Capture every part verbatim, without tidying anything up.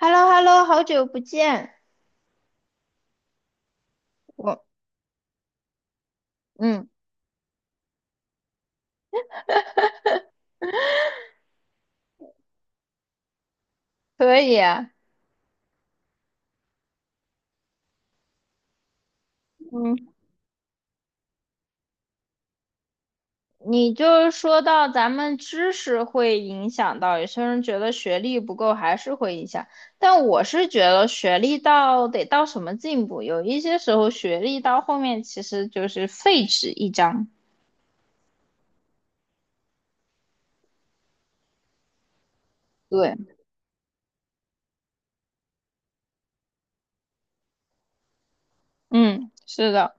h e l l o h e l l o 好久不见。我，嗯，可以啊。嗯，你就是说到咱们知识会影响到，有些人觉得学历不够还是会影响，但我是觉得学历到得到什么进步，有一些时候学历到后面其实就是废纸一张。对，嗯，是的。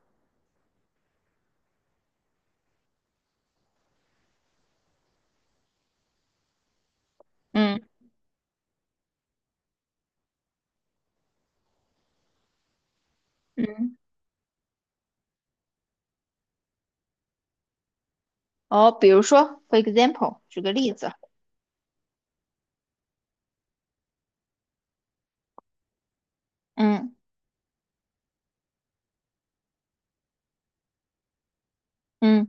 嗯，哦，比如说，for example，举个例子。嗯，嗯，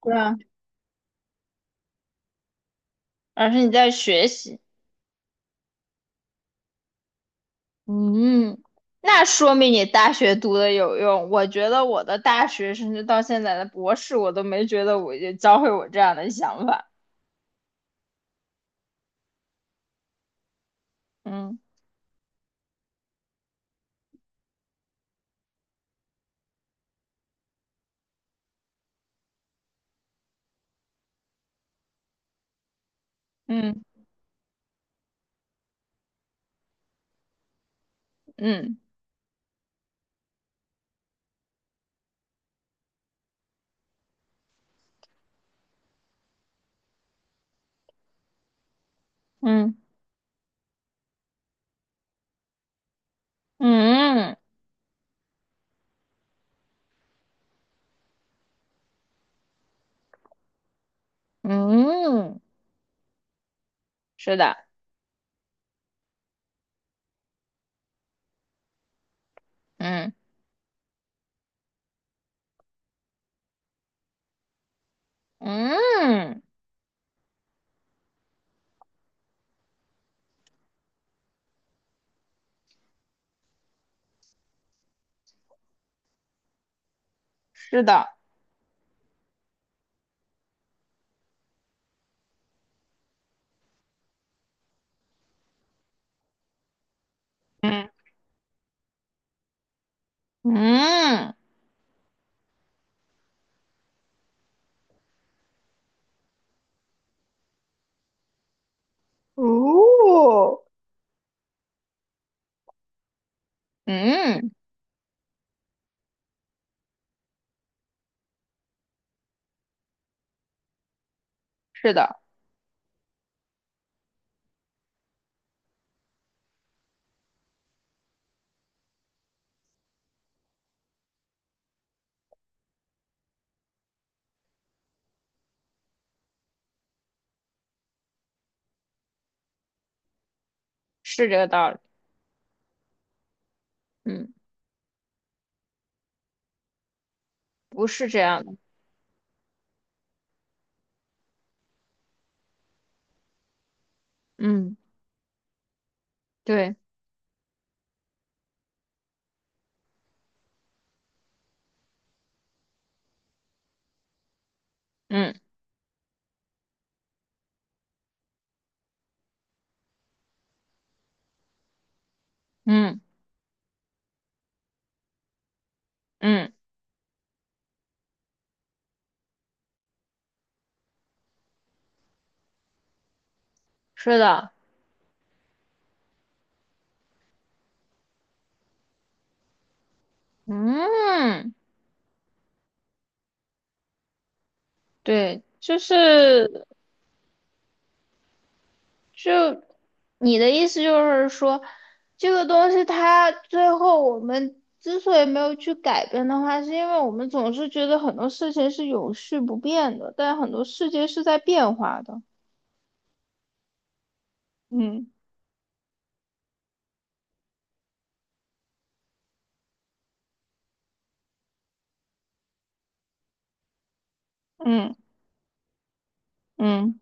对啊，而是你在学习。嗯，那说明你大学读的有用。我觉得我的大学，甚至到现在的博士，我都没觉得我就教会我这样的想法。嗯，嗯，嗯，嗯，嗯，嗯，是的。嗯，嗯，是的。嗯，嗯，哦，嗯，是的，是这个道理。嗯，不是这样的。嗯，对。嗯，嗯，嗯，是的。嗯。对，就是就你的意思就是说，这个东西它最后我们之所以没有去改变的话，是因为我们总是觉得很多事情是永续不变的，但很多世界是在变化的。嗯，嗯，嗯，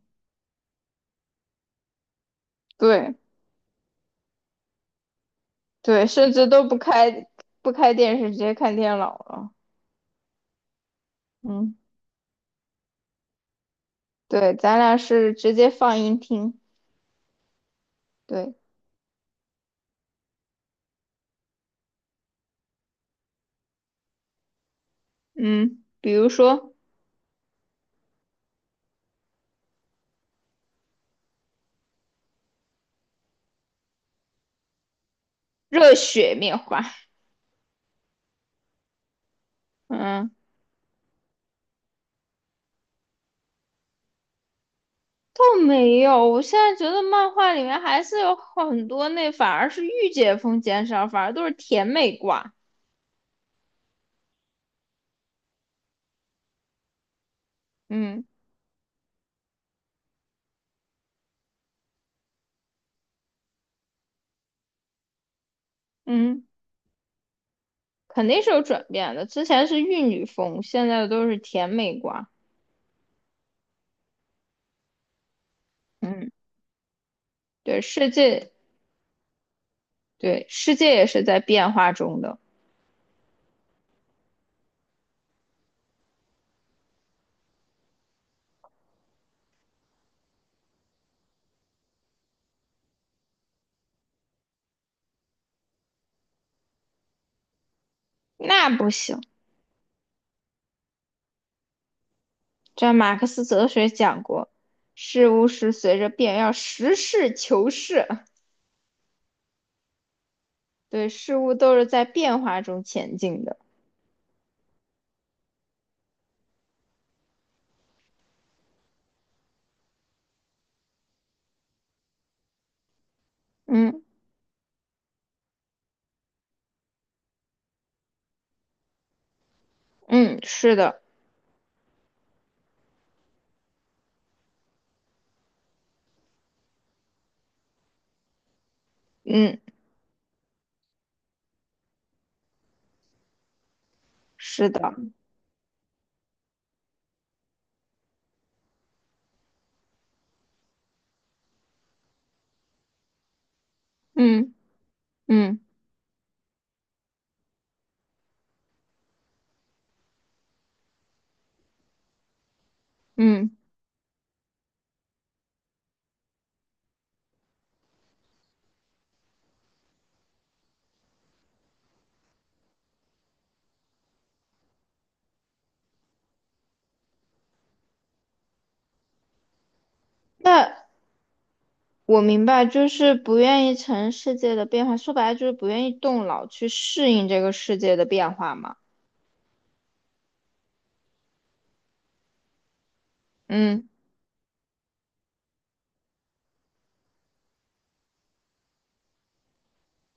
对，对，甚至都不开不开电视，直接看电脑了。嗯，对，咱俩是直接放音听。对，嗯，比如说热血面花。嗯。倒没有，我现在觉得漫画里面还是有很多那反而是御姐风减少，反而都是甜美挂。嗯，嗯，肯定是有转变的。之前是玉女风，现在都是甜美挂。嗯，对，世界对世界也是在变化中的。那不行，这马克思哲学讲过，事物是随着变，要实事求是。对，事物都是在变化中前进的。嗯，嗯，是的。嗯，是的。嗯，嗯，嗯，那我明白，就是不愿意承认世界的变化，说白了就是不愿意动脑去适应这个世界的变化嘛。嗯，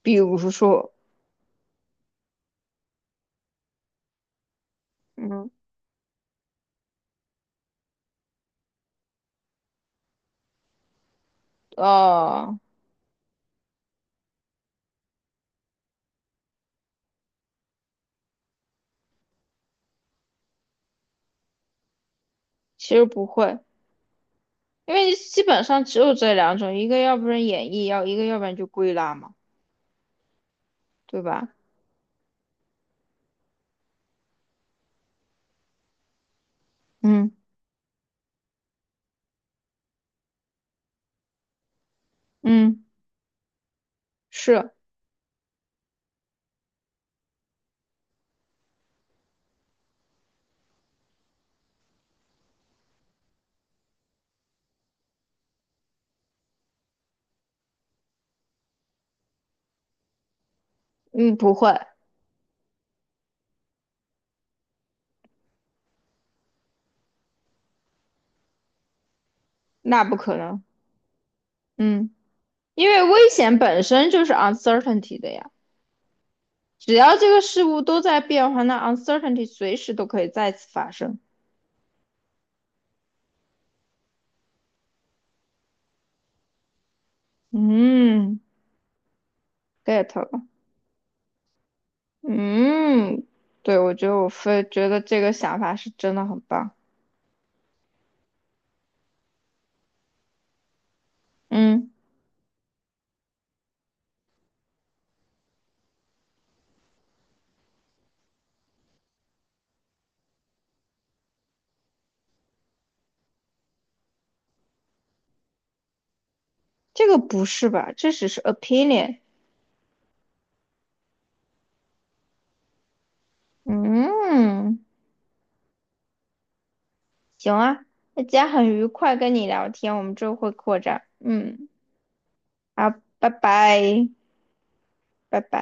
比如说。嗯，呃，其实不会，因为基本上只有这两种，一个要不然演绎，要一个要不然就归纳嘛，对吧？嗯，嗯，是。嗯，不会。那不可能。嗯，因为危险本身就是 uncertainty 的呀。只要这个事物都在变化，那 uncertainty 随时都可以再次发生。嗯，get 了。嗯，对，我觉得我非觉得这个想法是真的很棒。嗯，这个不是吧？这只是 opinion。嗯，行啊，那今天很愉快跟你聊天，我们之后会扩展。嗯，好，拜拜，拜拜。